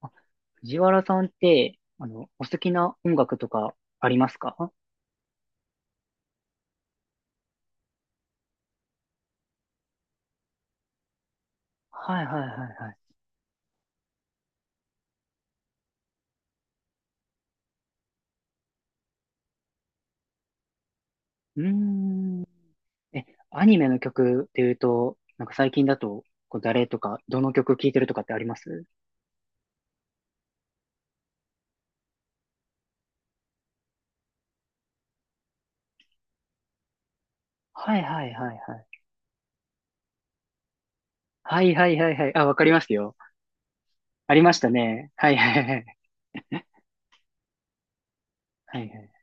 あ、藤原さんって、お好きな音楽とかありますか？はいはいはいはい。うーん。え、アニメの曲っていうと、なんか最近だと、こう誰とか、どの曲聴いてるとかってあります？はいはいはいはい。はいはいはいはい。あ、わかりますよ。ありましたね。はいはいはい。はいはい。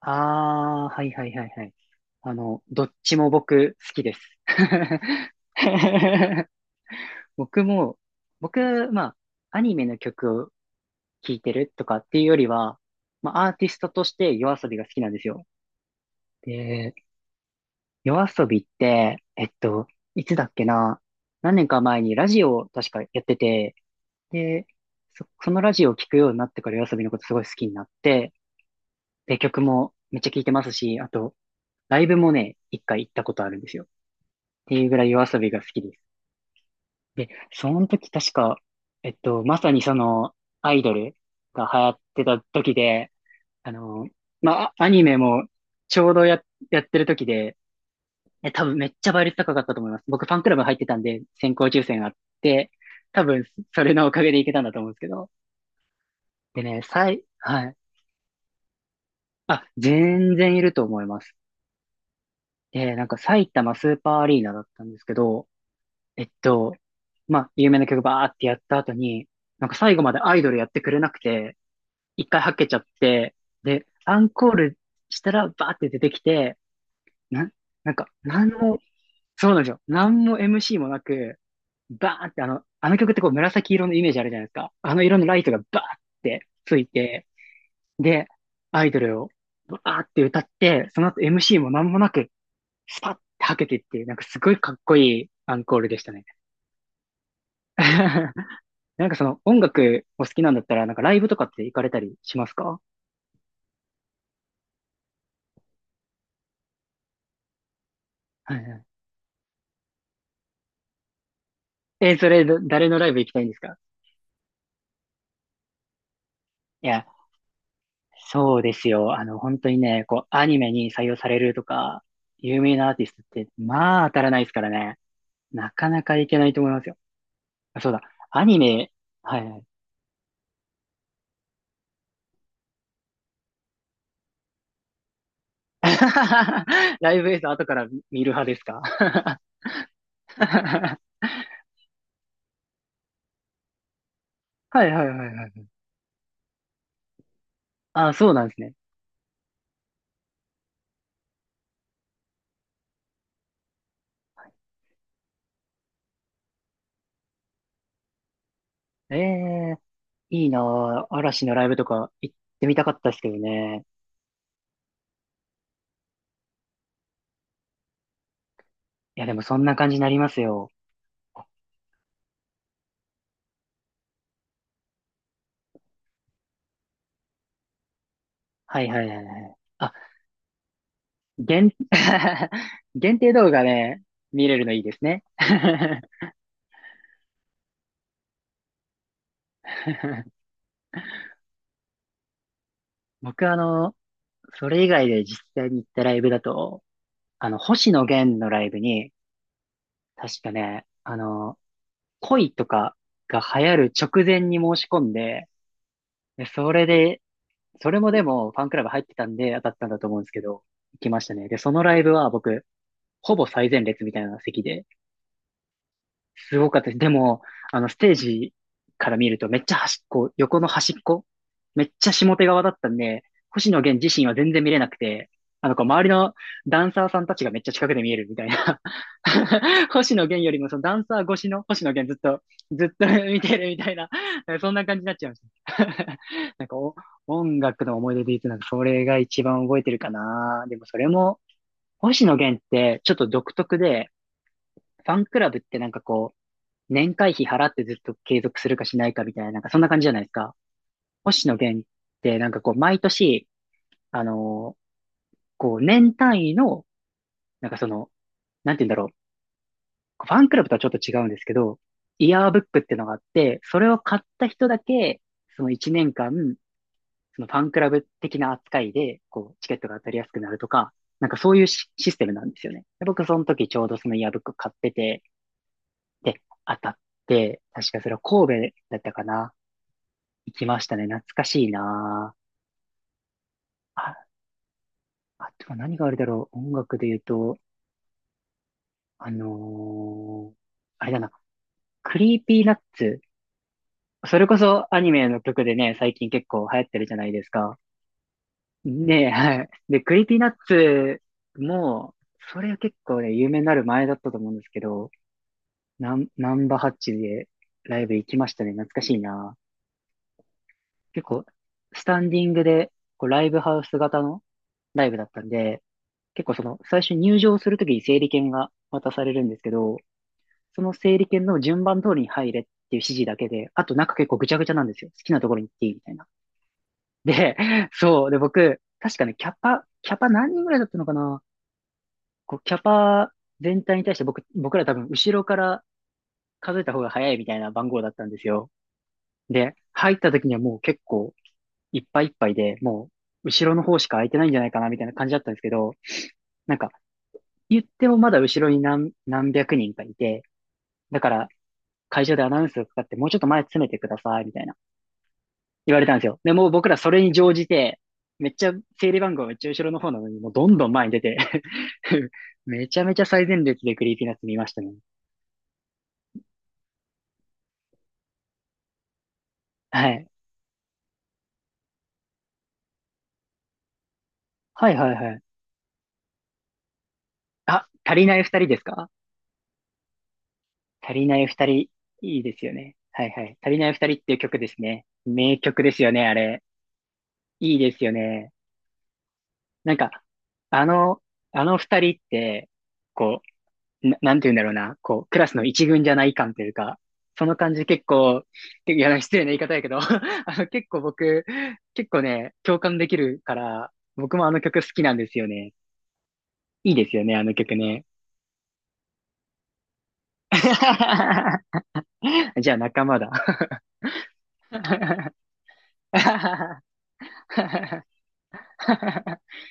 あー、はいはいはいはい。どっちも僕好きです。僕も、僕、まあ、アニメの曲を聴いてるとかっていうよりは、まあ、アーティストとして夜遊びが好きなんですよ。で、夜遊びって、いつだっけな、何年か前にラジオを確かやってて、で、そのラジオを聴くようになってから夜遊びのことすごい好きになって、で、曲もめっちゃ聴いてますし、あと、ライブもね、一回行ったことあるんですよ。っていうぐらい夜遊びが好きです。で、その時確か、まさにその、アイドルが流行ってた時で、あの、まあ、アニメもちょうどやってる時で、多分めっちゃ倍率高かったと思います。僕ファンクラブ入ってたんで先行抽選があって、多分それのおかげでいけたんだと思うんですけど。でね、はい。あ、全然いると思います。で、なんか埼玉スーパーアリーナだったんですけど、えっと、まあ、有名な曲バーってやった後に、なんか最後までアイドルやってくれなくて、一回はっけちゃって、で、アンコールしたらバーって出てきて、な、なんか、何もそうなんですよ。何も MC もなく、バーンってあの曲ってこう紫色のイメージあるじゃないですか。あの色のライトがバーンってついて、で、アイドルをバーって歌って、その後 MC も何もなく、スパッてはけてっていう、なんかすごいかっこいいアンコールでしたね。なんかその音楽お好きなんだったら、なんかライブとかって行かれたりしますか？はいはい。え、それ、誰のライブ行きたいんですか？いや、そうですよ。あの、本当にね、こう、アニメに採用されるとか、有名なアーティストって、まあ、当たらないですからね。なかなかいけないと思いますよ。あそうだ。アニメ、はいはい。ライブ映像後から見る派ですか？ はいはいはいはい。あ、そうなんですね。ええいいなぁ。嵐のライブとか行ってみたかったですけどね。いや、でもそんな感じになりますよ。はいはいはいはい。限、限定動画ね、見れるのいいですね。僕それ以外で実際に行ったライブだと、星野源のライブに、確かね、恋とかが流行る直前に申し込んで、で、それで、それもでもファンクラブ入ってたんで当たったんだと思うんですけど、行きましたね。で、そのライブは僕、ほぼ最前列みたいな席で、すごかったです。でも、ステージから見るとめっちゃ端っこ、横の端っこ、めっちゃ下手側だったんで、星野源自身は全然見れなくて、こう周りのダンサーさんたちがめっちゃ近くで見えるみたいな。星野源よりもそのダンサー越しの星野源ずっと、ずっと 見てるみたいな、そんな感じになっちゃいました。なんか音楽の思い出で言うと、なんかそれが一番覚えてるかな。でもそれも、星野源ってちょっと独特で、ファンクラブってなんかこう、年会費払ってずっと継続するかしないかみたいな、なんかそんな感じじゃないですか。星野源ってなんかこう毎年、あのーこう年単位の、なんかその、なんて言うんだろう。ファンクラブとはちょっと違うんですけど、イヤーブックっていうのがあって、それを買った人だけ、その1年間、そのファンクラブ的な扱いで、こう、チケットが当たりやすくなるとか、なんかそういうシステムなんですよね。で僕その時ちょうどそのイヤーブック買ってて、で、当たって、確かそれは神戸だったかな。行きましたね。懐かしいなあ。あ、あとは何があるだろう。音楽で言うと、あのーあれだな。クリーピーナッツ。それこそアニメの曲でね、最近結構流行ってるじゃないですか。ねえ、はい。で、クリーピーナッツも、それは結構ね、有名になる前だったと思うんですけど、ナンバハッチでライブ行きましたね。懐かしいな。結構、スタンディングで、こう、ライブハウス型のライブだったんで、結構その、最初入場するときに整理券が渡されるんですけど、その整理券の順番通りに入れっていう指示だけで、あと中結構ぐちゃぐちゃなんですよ。好きなところに行っていいみたいな。で、そう。で、僕、確かね、キャパ何人ぐらいだったのかな？こう、キャパ全体に対して僕ら多分後ろから数えた方が早いみたいな番号だったんですよ。で、入った時にはもう結構いっぱいいっぱいで、もう後ろの方しか空いてないんじゃないかなみたいな感じだったんですけど、なんか言ってもまだ後ろに何百人かいて、だから会場でアナウンスがかかってもうちょっと前詰めてくださいみたいな言われたんですよ。で、もう僕らそれに乗じて、めっちゃ整理番号めっちゃ後ろの方なのにもうどんどん前に出て めちゃめちゃ最前列でクリーピーナッツ見ましたね。はい。はいはいはい。あ、足りない二人ですか？足りない二人、いいですよね。はいはい。足りない二人っていう曲ですね。名曲ですよね、あれ。いいですよね。なんか、あの、あの二人って、こう、なんて言うんだろうな、こう、クラスの一軍じゃない感というか、その感じ結構、いや、失礼な言い方やけど、結構ね、共感できるから、僕もあの曲好きなんですよね。いいですよね、あの曲ね。じゃあ仲間だ。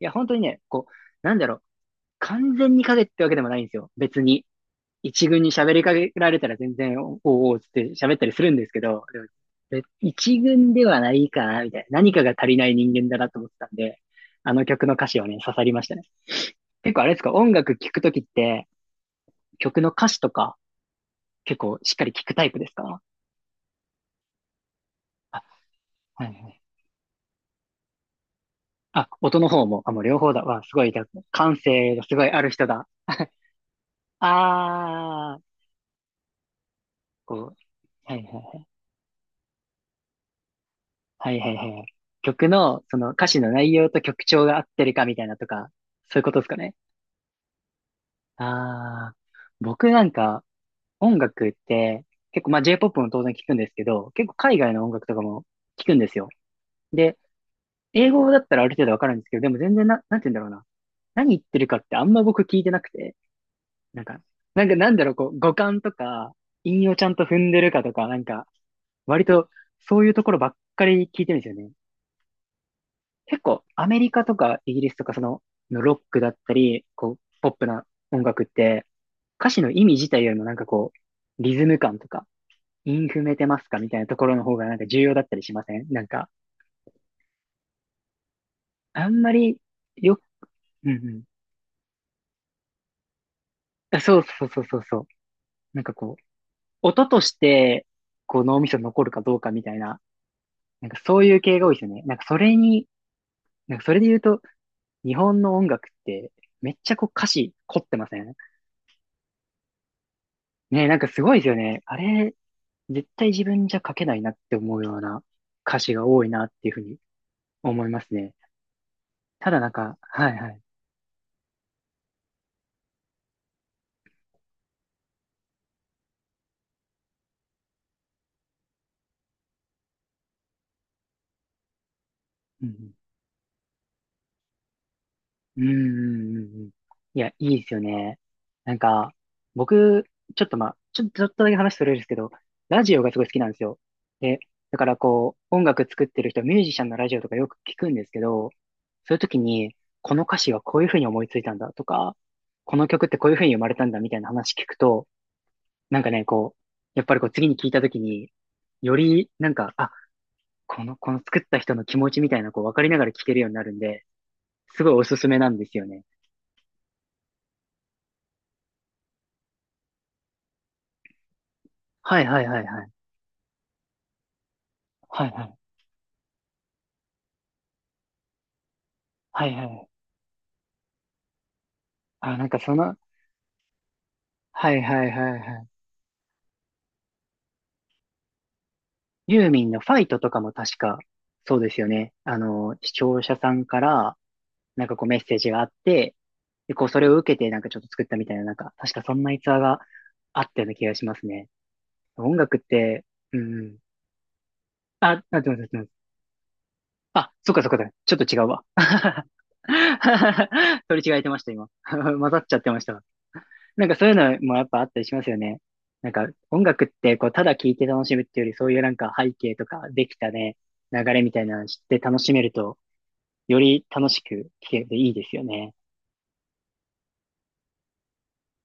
いや、本当にね、こう、なんだろう、完全に影ってわけでもないんですよ、別に。一軍に喋りかけられたら全然、おおーつって喋ったりするんですけど、で一軍ではないかな、みたいな。何かが足りない人間だなと思ってたんで、あの曲の歌詞をね、刺さりましたね。結構あれですか、音楽聴くときって、曲の歌詞とか結構しっかり聴くタイプですか？あ、はいはい。あ、音の方も、あ、もう両方だ。わ、すごい、感性がすごいある人だ。あー、こう、はいはいはい。はいはいはいはい。曲の、その歌詞の内容と曲調が合ってるかみたいなとか、そういうことですかね。ああ、僕なんか音楽って結構まあ J-POP も当然聞くんですけど、結構海外の音楽とかも聞くんですよ。で、英語だったらある程度わかるんですけど、でも全然なんて言うんだろうな。何言ってるかってあんま僕聞いてなくて、なんか、なんかなんだろう、こう、語感とか、韻をちゃんと踏んでるかとか、割とそういうところばっかり聞いてるんですよね。結構アメリカとかイギリスとかのロックだったり、こう、ポップな音楽って、歌詞の意味自体よりもなんかこう、リズム感とか、イン踏めてますかみたいなところの方がなんか重要だったりしませんなんか、あんまりよ、うんうん。あそうそうそうそうそう。なんかこう、音として、こう脳みそに残るかどうかみたいな、なんかそういう系が多いですよね。なんかそれに、なんかそれで言うと、日本の音楽って、めっちゃこう歌詞凝ってませんねなんかすごいですよね。あれ、絶対自分じゃ書けないなって思うような歌詞が多いなっていうふうに思いますね。ただなんか、はいはい。うん、うん、うん、うんうんうん。いや、いいですよね。なんか、僕、ちょっとまあ、ちょっとだけ話それるんですけど、ラジオがすごい好きなんですよ。で、だからこう、音楽作ってる人、ミュージシャンのラジオとかよく聞くんですけど、そういう時に、この歌詞はこういうふうに思いついたんだとか、この曲ってこういうふうに生まれたんだみたいな話聞くと、なんかね、こう、やっぱりこう次に聞いたときに、よりなんか、あ、この作った人の気持ちみたいな、こう分かりながら聞けるようになるんで、すごいおすすめなんですよね。はいはいはいはい。はいはい。はいはい。あ、なんかその、はいはいはいはい。ユーミンのファイトとかも確か、そうですよね。あの、視聴者さんから、なんかこうメッセージがあって、で、こうそれを受けてなんかちょっと作ったみたいな、なんか、確かそんな逸話があったような気がしますね。音楽って、うん。あ、あ、どうぞどうぞ。あ、そっかそっかそっか。ちょっと違うわ。取り違えてました、今。混ざっちゃってました。なんかそういうのもやっぱあったりしますよね。なんか音楽ってこうただ聴いて楽しむっていうよりそういうなんか背景とかできたね、流れみたいなの知って楽しめるとより楽しく聴けていいですよね。